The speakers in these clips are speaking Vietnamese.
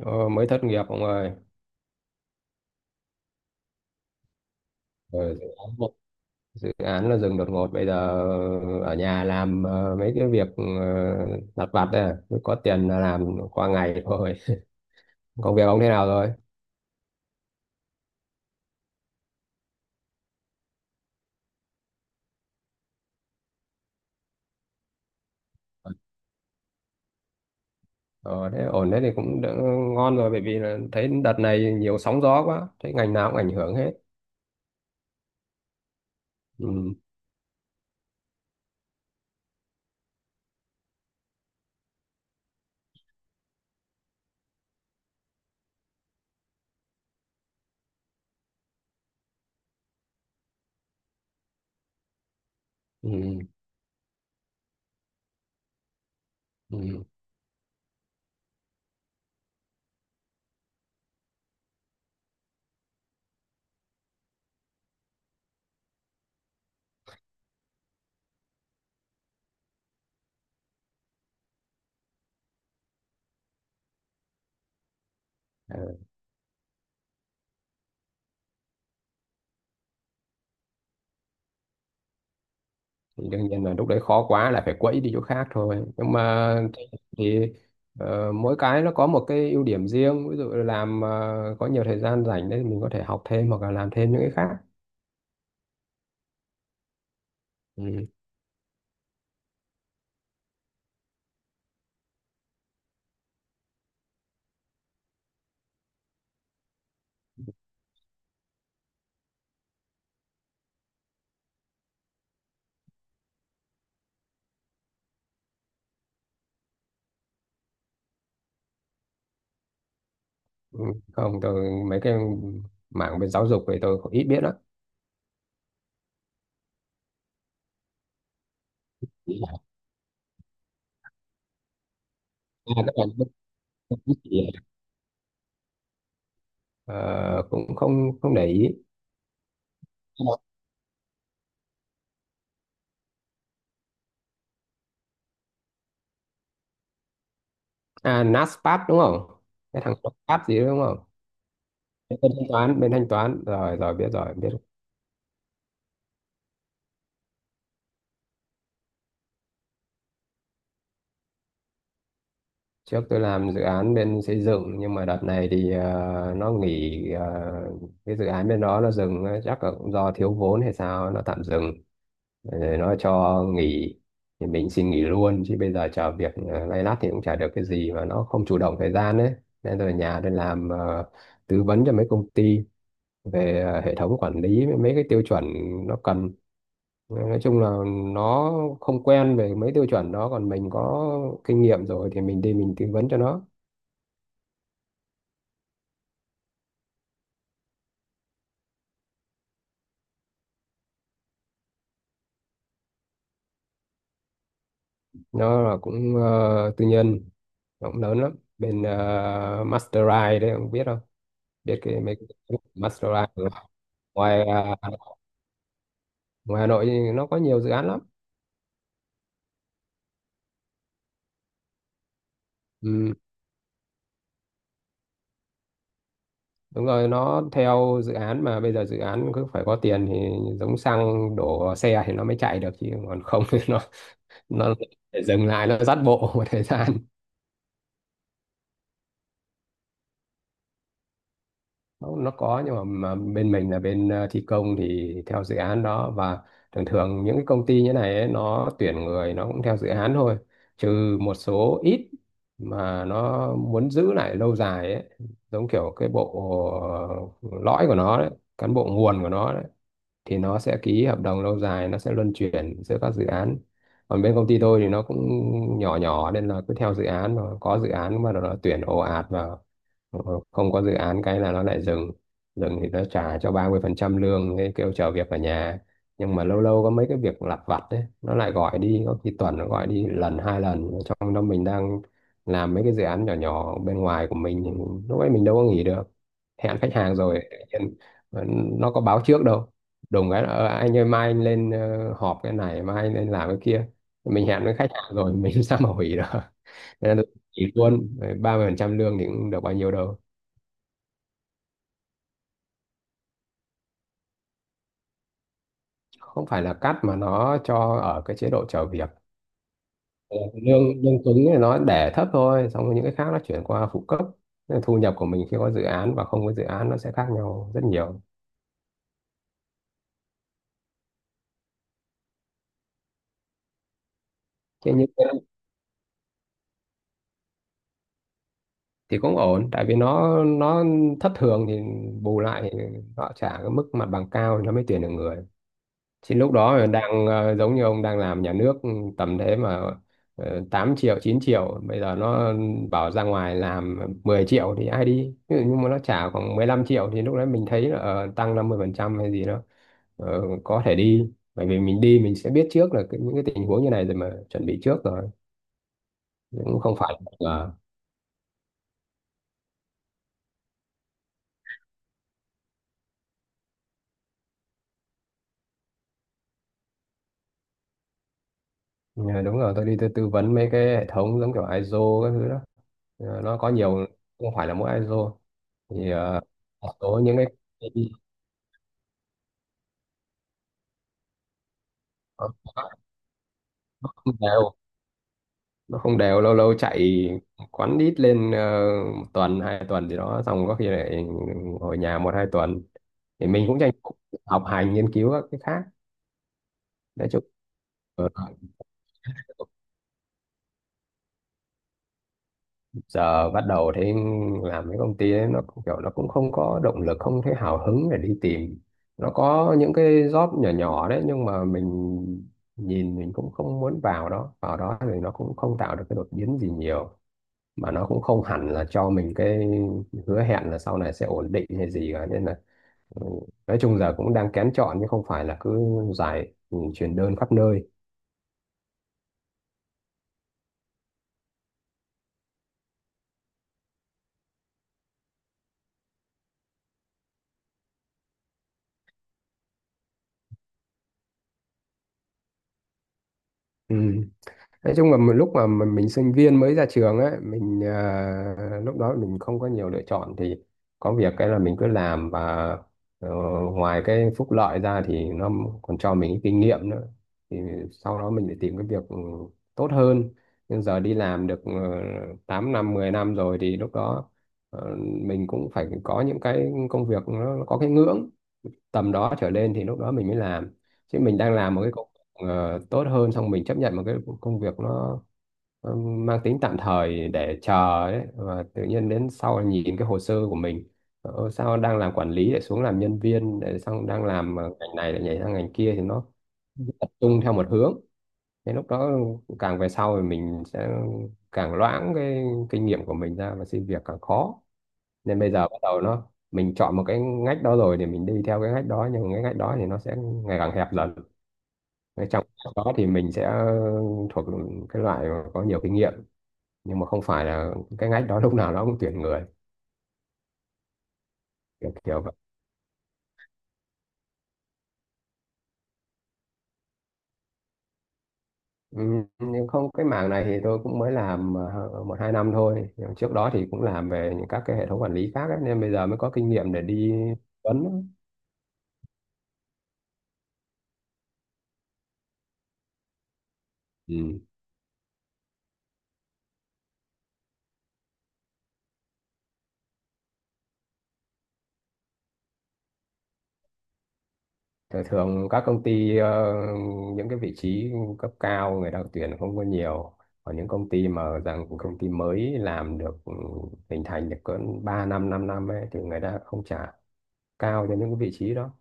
Ờ, mới thất nghiệp ông ơi. Ờ, dự án là dừng đột ngột bây giờ. Ở nhà làm mấy cái việc lặt vặt đây à. Mới có tiền là làm qua ngày thôi. Công việc ông thế nào rồi? Ờ, Thế ổn thế thì cũng đỡ, ngon rồi, bởi vì là thấy đợt này nhiều sóng gió quá, thấy ngành nào cũng ảnh hưởng hết. Ừ, ừ, ừ. Thì đương nhiên là lúc đấy khó quá là phải quẫy đi chỗ khác thôi, nhưng mà thì mỗi cái nó có một cái ưu điểm riêng, ví dụ là làm có nhiều thời gian rảnh đấy, thì mình có thể học thêm hoặc là làm thêm những cái khác. Ừ. Ừ. Không, tôi mấy cái mảng về giáo dục thì tôi cũng ít biết lắm. À, các bạn biết gì à? Ờ, cũng không không để ý. À, NASPAT đúng không? Cái thằng NASPAT gì đó đúng không? Bên thanh toán rồi, rồi biết, rồi biết. Trước tôi làm dự án bên xây dựng, nhưng mà đợt này thì nó nghỉ, cái dự án bên đó nó dừng ấy, chắc là cũng do thiếu vốn hay sao nó tạm dừng. Rồi nó cho nghỉ, thì mình xin nghỉ luôn, chứ bây giờ chờ việc lay lắt thì cũng chả được cái gì mà nó không chủ động thời gian đấy. Nên rồi nhà tôi làm tư vấn cho mấy công ty về hệ thống quản lý với mấy cái tiêu chuẩn nó cần. Nói chung là nó không quen về mấy tiêu chuẩn đó, còn mình có kinh nghiệm rồi thì mình đi mình tư vấn cho nó. Nó là cũng tư nhân, nó cũng lớn lắm, bên Mastercard đấy, không biết không? Biết cái mấy cái Mastercard không? ngoài ờ, ngoài Hà Nội thì nó có nhiều dự án lắm. Ừ, đúng rồi, nó theo dự án mà bây giờ dự án cứ phải có tiền thì giống xăng đổ vào xe thì nó mới chạy được, chứ còn không thì nó nó để dừng lại, nó dắt bộ một thời gian. Nó có, nhưng mà bên mình là bên thi công thì theo dự án đó. Và thường thường những cái công ty như này ấy, nó tuyển người nó cũng theo dự án thôi, trừ một số ít mà nó muốn giữ lại lâu dài ấy, giống kiểu cái bộ ờ, lõi của nó đấy, cán bộ nguồn của nó đấy, thì nó sẽ ký hợp đồng lâu dài, nó sẽ luân chuyển giữa các dự án. Còn bên công ty tôi thì nó cũng nhỏ nhỏ, nên là cứ theo dự án, mà có dự án mà nó tuyển ồ ạt vào, không có dự án cái là nó lại dừng. Dừng thì nó trả cho 30% lương, thế kêu chờ việc ở nhà. Nhưng mà lâu lâu có mấy cái việc lặt vặt đấy nó lại gọi đi, có khi tuần nó gọi đi lần, hai lần, trong đó mình đang làm mấy cái dự án nhỏ nhỏ bên ngoài của mình, thì lúc ấy mình đâu có nghỉ được, hẹn khách hàng rồi tự nhiên nó có báo trước đâu. Đùng cái là, "Ờ, anh ơi mai anh lên họp cái này, mai anh lên làm cái kia." Mình hẹn với khách hàng rồi mình sao mà hủy được. Nên là chỉ luôn 30% lương thì cũng được bao nhiêu đâu. Không phải là cắt, mà nó cho ở cái chế độ chờ việc. Ờ, lương lương cứng thì nó để thấp thôi, xong rồi những cái khác nó chuyển qua phụ cấp. Nên thu nhập của mình khi có dự án và không có dự án nó sẽ khác nhau rất nhiều. Thế nhưng thì cũng ổn, tại vì nó thất thường thì bù lại thì họ trả cái mức mặt bằng cao thì nó mới tuyển được người. Thì lúc đó đang giống như ông đang làm nhà nước, tầm thế mà 8 triệu, 9 triệu, bây giờ nó bảo ra ngoài làm 10 triệu thì ai đi. Ví dụ nhưng mà nó trả khoảng 15 triệu thì lúc đấy mình thấy là tăng 50% hay gì đó, có thể đi. Bởi vì mình đi mình sẽ biết trước là cái, những cái tình huống như này rồi mà chuẩn bị trước rồi. Cũng không phải là. Ờ, ừ, đúng rồi, tôi đi tôi tư vấn mấy cái hệ thống giống kiểu ISO các thứ đó. Ờ, nó có nhiều, không phải là mỗi ISO. Thì một số những cái không đều, nó không đều, lâu lâu chạy quán ít lên một tuần hai tuần gì đó, xong có khi lại ngồi nhà một hai tuần. Thì mình cũng tranh thủ học hành nghiên cứu các cái khác, nói chung, ờ, giờ bắt đầu thấy làm cái công ty ấy, nó cũng kiểu, nó cũng không có động lực, không thấy hào hứng để đi tìm. Nó có những cái job nhỏ nhỏ đấy nhưng mà mình nhìn mình cũng không muốn vào đó. Vào đó thì nó cũng không tạo được cái đột biến gì nhiều, mà nó cũng không hẳn là cho mình cái hứa hẹn là sau này sẽ ổn định hay gì cả, nên là ừ, nói chung giờ cũng đang kén chọn chứ không phải là cứ chuyển đơn khắp nơi. Ừ. Nói chung là một lúc mà mình sinh viên mới ra trường ấy, mình lúc đó mình không có nhiều lựa chọn thì có việc cái là mình cứ làm. Và ờ, ngoài cái phúc lợi ra thì nó còn cho mình cái kinh nghiệm nữa. Thì sau đó mình phải tìm cái việc tốt hơn. Nhưng giờ đi làm được 8 năm, 10 năm rồi thì lúc đó ờ, mình cũng phải có những cái công việc nó có cái ngưỡng tầm đó trở lên thì lúc đó mình mới làm. Chứ mình đang làm một cái công việc tốt hơn xong mình chấp nhận một cái công việc nó mang tính tạm thời để chờ ấy, và tự nhiên đến sau nhìn cái hồ sơ của mình, sao đang làm quản lý lại xuống làm nhân viên, để xong đang làm ngành này lại nhảy sang ngành kia thì nó tập trung theo một hướng. Thế lúc đó càng về sau thì mình sẽ càng loãng cái kinh nghiệm của mình ra và xin việc càng khó. Nên bây giờ bắt đầu nó mình chọn một cái ngách đó rồi thì mình đi theo cái ngách đó, nhưng cái ngách đó thì nó sẽ ngày càng hẹp dần. Cái trong đó thì mình sẽ thuộc cái loại mà có nhiều kinh nghiệm, nhưng mà không phải là cái ngách đó lúc nào nó cũng tuyển người. Kiểu kiểu vậy. Ừ, nhưng không, cái mảng này thì tôi cũng mới làm một hai năm thôi. Nhưng trước đó thì cũng làm về những các cái hệ thống quản lý khác ấy, nên bây giờ mới có kinh nghiệm để đi vấn. Thường các công ty, những cái vị trí cấp cao người ta tuyển không có nhiều. Còn những công ty mà rằng công ty mới làm được, hình thành được cỡ 3 năm 5 năm ấy, thì người ta không trả cao cho những cái vị trí đó.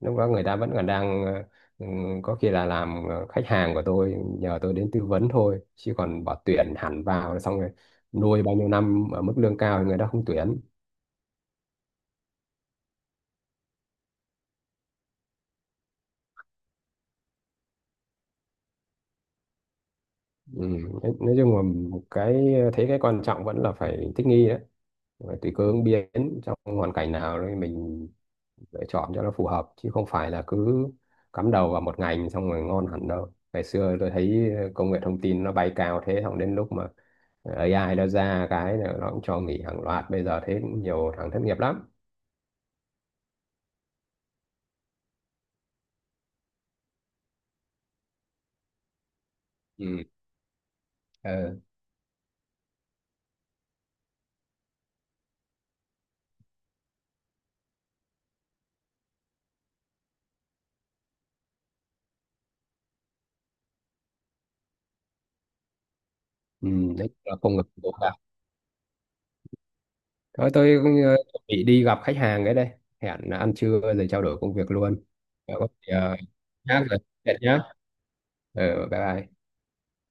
Lúc đó người ta vẫn còn đang ừ, có khi là làm, khách hàng của tôi nhờ tôi đến tư vấn thôi, chứ còn bỏ tuyển hẳn vào xong rồi nuôi bao nhiêu năm ở mức lương cao thì người ta không tuyển. Ừ. nói chung là cái thấy cái quan trọng vẫn là phải thích nghi đấy. Và tùy cơ ứng biến trong hoàn cảnh nào đấy mình lựa chọn cho nó phù hợp, chứ không phải là cứ cắm đầu vào một ngành xong rồi ngon hẳn đâu. Ngày xưa tôi thấy công nghệ thông tin nó bay cao thế, xong đến lúc mà AI nó ra cái là nó cũng cho nghỉ hàng loạt, bây giờ thế cũng nhiều thằng thất nghiệp lắm. Ừ. Ờ. Ừ. Đấy là công nghiệp của cả. Thôi tôi cũng, chuẩn bị đi gặp khách hàng cái đây, hẹn ăn trưa rồi trao đổi công việc luôn. Ờ, có gì, nhá rồi, hẹn nhá. Ừ, bye bye.